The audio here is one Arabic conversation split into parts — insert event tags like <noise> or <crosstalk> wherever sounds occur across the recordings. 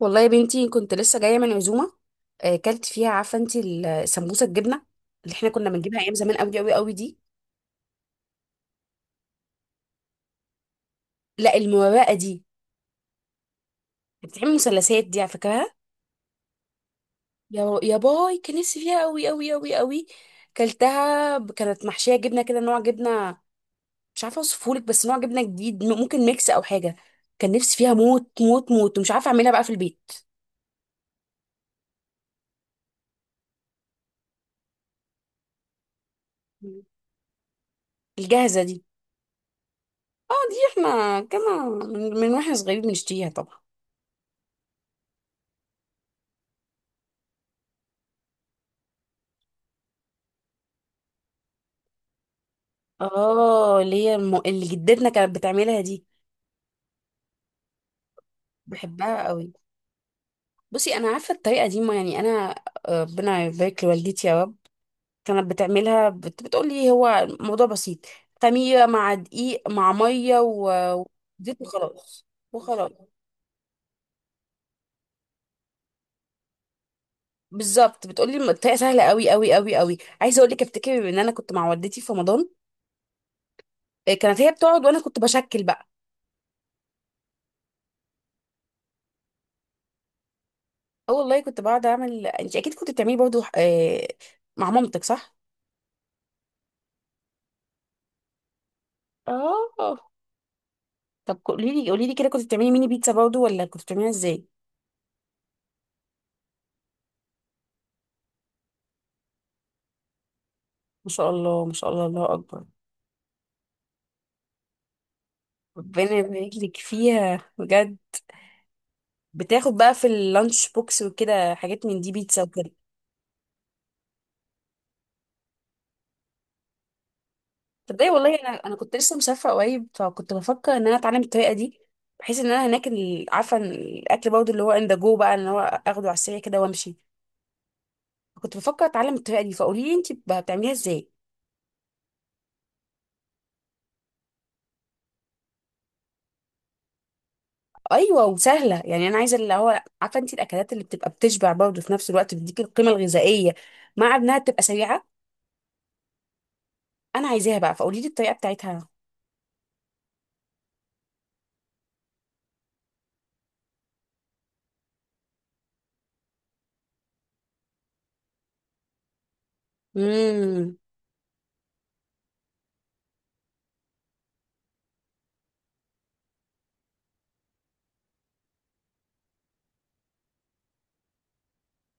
والله يا بنتي كنت لسه جايه من عزومه. كلت فيها، عارفه انت السمبوسه الجبنه اللي احنا كنا بنجيبها ايام زمان قوي قوي قوي دي؟ لا، المرقه دي بتتعمل مثلثات، دي على فكرها. يا باي، كان نفسي فيها قوي قوي قوي قوي. كانت محشيه جبنه كده، نوع جبنه مش عارفه اوصفهولك، بس نوع جبنه جديد، ممكن ميكس او حاجه. كان نفسي فيها موت موت موت، ومش عارفه اعملها بقى في البيت. الجاهزه دي؟ اه دي. احنا كنا من واحنا صغيرين بنشتريها طبعا. اه، اللي جدتنا كانت بتعملها دي بحبها قوي. بصي، انا عارفه الطريقه دي، ما يعني انا ربنا يبارك لوالدتي يا رب، كانت بتعملها، بتقول لي هو الموضوع بسيط: خميره مع دقيق مع ميه وزيت. وخلاص. وخلاص. بالظبط، بتقولي الطريقه سهله قوي قوي قوي قوي. عايزه اقول لك، افتكر ان انا كنت مع والدتي في رمضان، كانت هي بتقعد وانا كنت بشكل بقى. اه والله كنت بقعد اعمل. انت اكيد كنت بتعملي برضه مع مامتك، صح؟ اه. طب قولي لي، قولي لي كده، كنت بتعملي ميني بيتزا برضه ولا كنت بتعمليها ازاي؟ ما شاء الله، ما شاء الله، الله اكبر. ربنا يبارك لك فيها بجد. بتاخد بقى في اللانش بوكس وكده، حاجات من دي، بيتزا وكده. تصدقي والله، انا كنت لسه مسافره قريب، فكنت بفكر ان انا اتعلم الطريقه دي، بحيث ان انا هناك عارفه إن الاكل برضه اللي هو ان ذا جو بقى، ان هو اخده على السريع كده وامشي. كنت بفكر اتعلم الطريقه دي، فقولي لي انت بتعمليها ازاي. ايوه، وسهله يعني، انا عايزه اللي هو عارفه انت الاكلات اللي بتبقى بتشبع برضه، في نفس الوقت بتديك القيمه الغذائيه، مع انها بتبقى سريعه. انا عايزاها بقى، فقولي لي الطريقه بتاعتها. امم.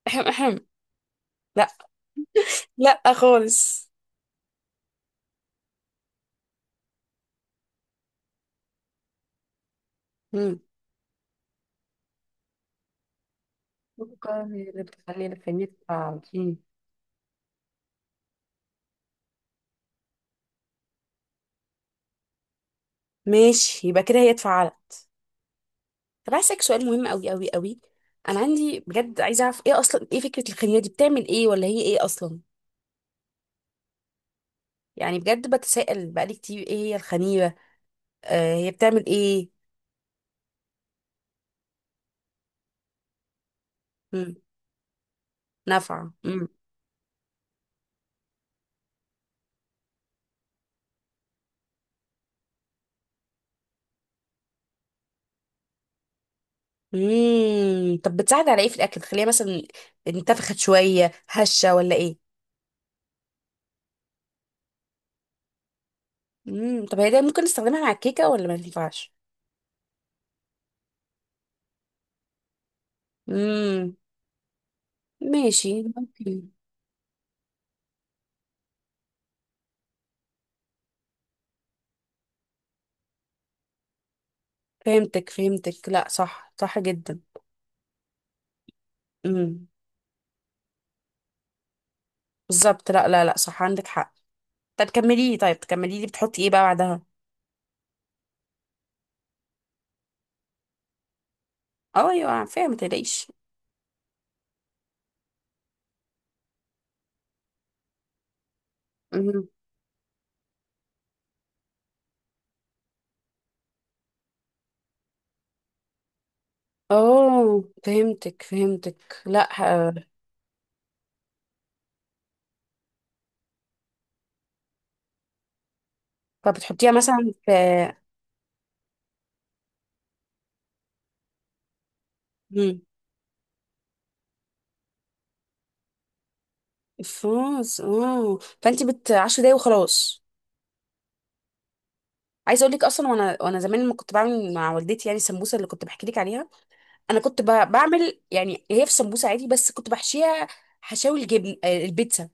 احم احم. لا. لا خالص. امم. السكر هي اللي بتخلي الفرينة تعجين. ماشي، يبقى كده هي اتفعلت. طب عايزه اسالك سؤال مهم قوي قوي قوي، انا عندي بجد عايزه اعرف، ايه اصلا، ايه فكره الخميره دي، بتعمل ايه، ولا هي ايه اصلا؟ يعني بجد بتسائل بقالي كتير، ايه هي الخميره، آه هي بتعمل ايه؟ نافعة، امم. امم. طب بتساعد على ايه في الاكل، تخليها مثلا انتفخت شوية، هشة، ولا ايه؟ امم. طب هي ده ممكن نستخدمها مع الكيكة ولا ما ينفعش؟ امم. ماشي، ممكن. فهمتك فهمتك، لا صح، صح جدا. امم. بالظبط، لا لا لا، صح، عندك حق. طب كملي لي، طيب كملي لي، بتحطي ايه بقى بعدها؟ اه ايوه، فاهمة، ما تقلقيش. امم. اه فهمتك فهمتك، لا ه- طب بتحطيها مثلا في… مم. الفاظ، اه، فانت بت 10 دقايق وخلاص. عايزه اقول لك اصلا، وانا زمان لما كنت بعمل مع والدتي، يعني السمبوسه اللي كنت بحكي لك عليها، انا كنت بعمل يعني، هي في سمبوسه عادي، بس كنت بحشيها حشاوي الجبن، البيتزا.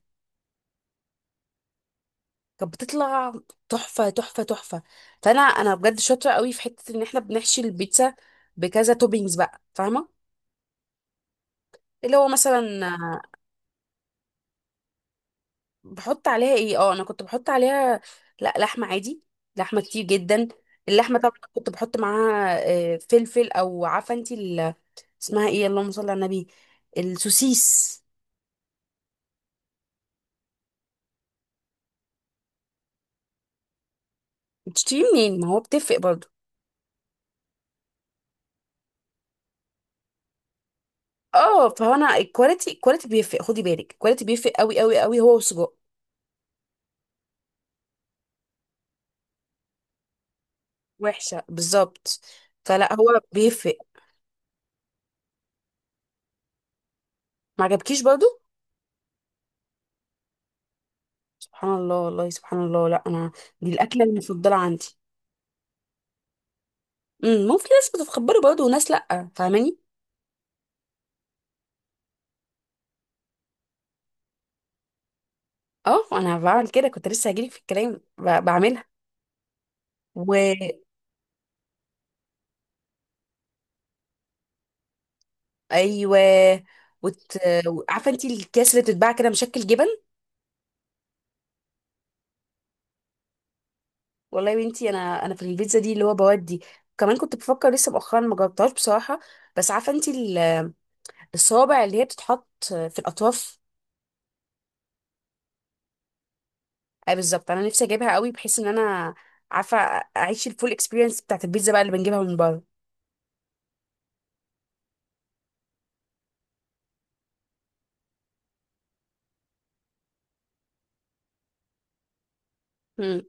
كانت بتطلع تحفه تحفه تحفه. فانا انا بجد شاطره قوي في حته ان احنا بنحشي البيتزا بكذا توبينجز بقى، فاهمه؟ اللي هو مثلا بحط عليها ايه، اه، انا كنت بحط عليها لا لحمه عادي، لحمه كتير جدا. اللحمه طبعا كنت بحط معاها فلفل، او عارفه انت اسمها ايه، اللهم صل على النبي، السوسيس. بتشتري منين، ما هو بتفرق برضه؟ اه، فهو انا الكواليتي، الكواليتي بيفرق، خدي بالك الكواليتي بيفرق قوي قوي قوي، هو والسجق. وحشه، بالظبط. فلا، هو بيفرق. ما عجبكيش برضه؟ سبحان الله، والله سبحان الله. لا انا دي الاكله المفضله عندي. امم. ممكن ناس بتتخبري برضه وناس لا، فاهماني؟ اه، انا بعمل كده، كنت لسه هجيلك في الكلام، بعملها. و، ايوه. وت... عارفه انت الكيس اللي بتتباع كده مشكل جبن؟ والله يا بنتي، انا انا في البيتزا دي اللي هو بودي، كمان كنت بفكر لسه مؤخرا، ما جربتهاش بصراحه، بس عارفه انت الصوابع اللي هي بتتحط في الاطراف. اي بالظبط، انا نفسي اجيبها قوي، بحيث ان انا عارفه اعيش الفول اكسبيرينس بتاعت البيتزا بقى، اللي بنجيبها من بره. امم.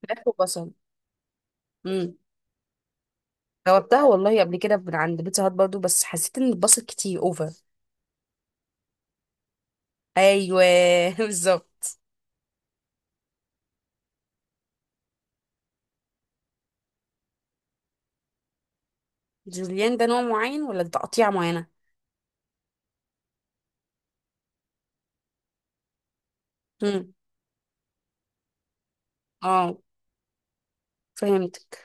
فراخ وبصل. امم. جربتها والله قبل كده من عند بيتزا هات برضه، بس حسيت ان البصل كتير اوفر. ايوه. <laughs> بالظبط. جوليان ده نوع معين ولا ده تقطيع معينه؟ امم. اه. فهمتك.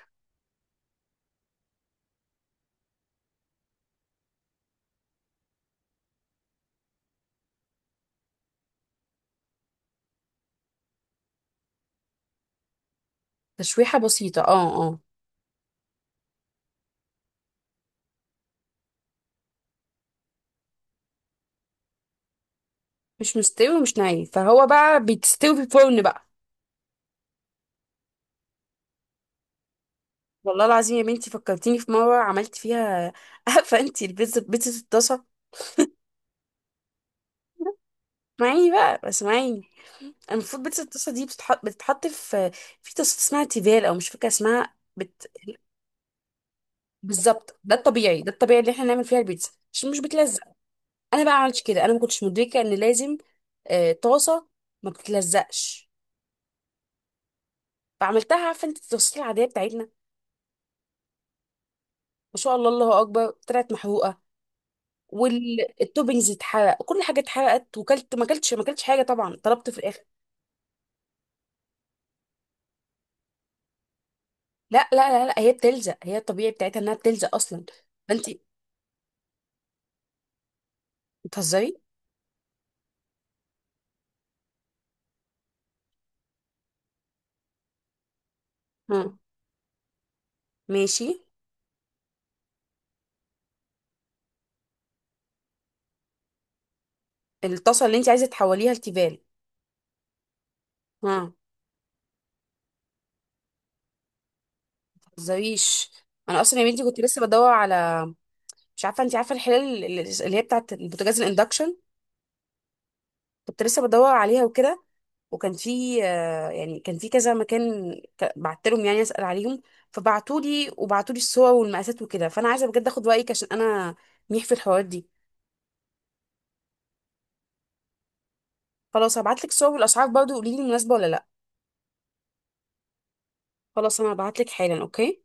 تشويحه بسيطه، اه اه. مش مستوي ومش ني، فهو بقى بتستوي في الفرن بقى. والله العظيم يا بنتي، فكرتيني في مره عملت فيها، <laughs> عارفه انت البيتزا، بيتزا الطاسه. اسمعيني بقى، اسمعيني. المفروض بيتزا الطاسه دي بتتحط في في طاسه اسمها تيفال، او مش فاكره اسمها بالظبط، ده الطبيعي، ده الطبيعي اللي احنا نعمل فيها البيتزا عشان مش بتلزق. انا بقى عملتش كده، انا ما كنتش مدركه ان لازم طاسه ما بتتلزقش. فعملتها عارفه انت التفاصيل العاديه بتاعتنا، ما شاء الله الله اكبر، طلعت محروقه، والتوبنجز اتحرق، كل حاجه اتحرقت، وكلت ما كلتش حاجه طبعا، طلبت في الاخر. لا لا. لا, لا، هي بتلزق، هي الطبيعي بتاعتها انها بتلزق اصلا. فانت بتهزري. ها. ماشي. الطاسه اللي انت عايزه تحوليها لتيفال؟ ها، ما تهزريش. انا اصلا يا بنتي كنت لسه بدور على، مش عارفه انت عارفه الحلال اللي هي بتاعت البوتاجاز، الاندكشن. كنت لسه بدور عليها وكده، وكان في يعني كان في كذا مكان، بعت لهم يعني اسال عليهم، فبعتوا لي وبعتوا لي الصور والمقاسات وكده، فانا عايزه بجد اخد رايك عشان انا ميح في الحوارات دي. خلاص هبعت لك الصور والاسعار، برضه قولي لي مناسبه ولا لا. خلاص انا هبعت لك حالا، اوكي.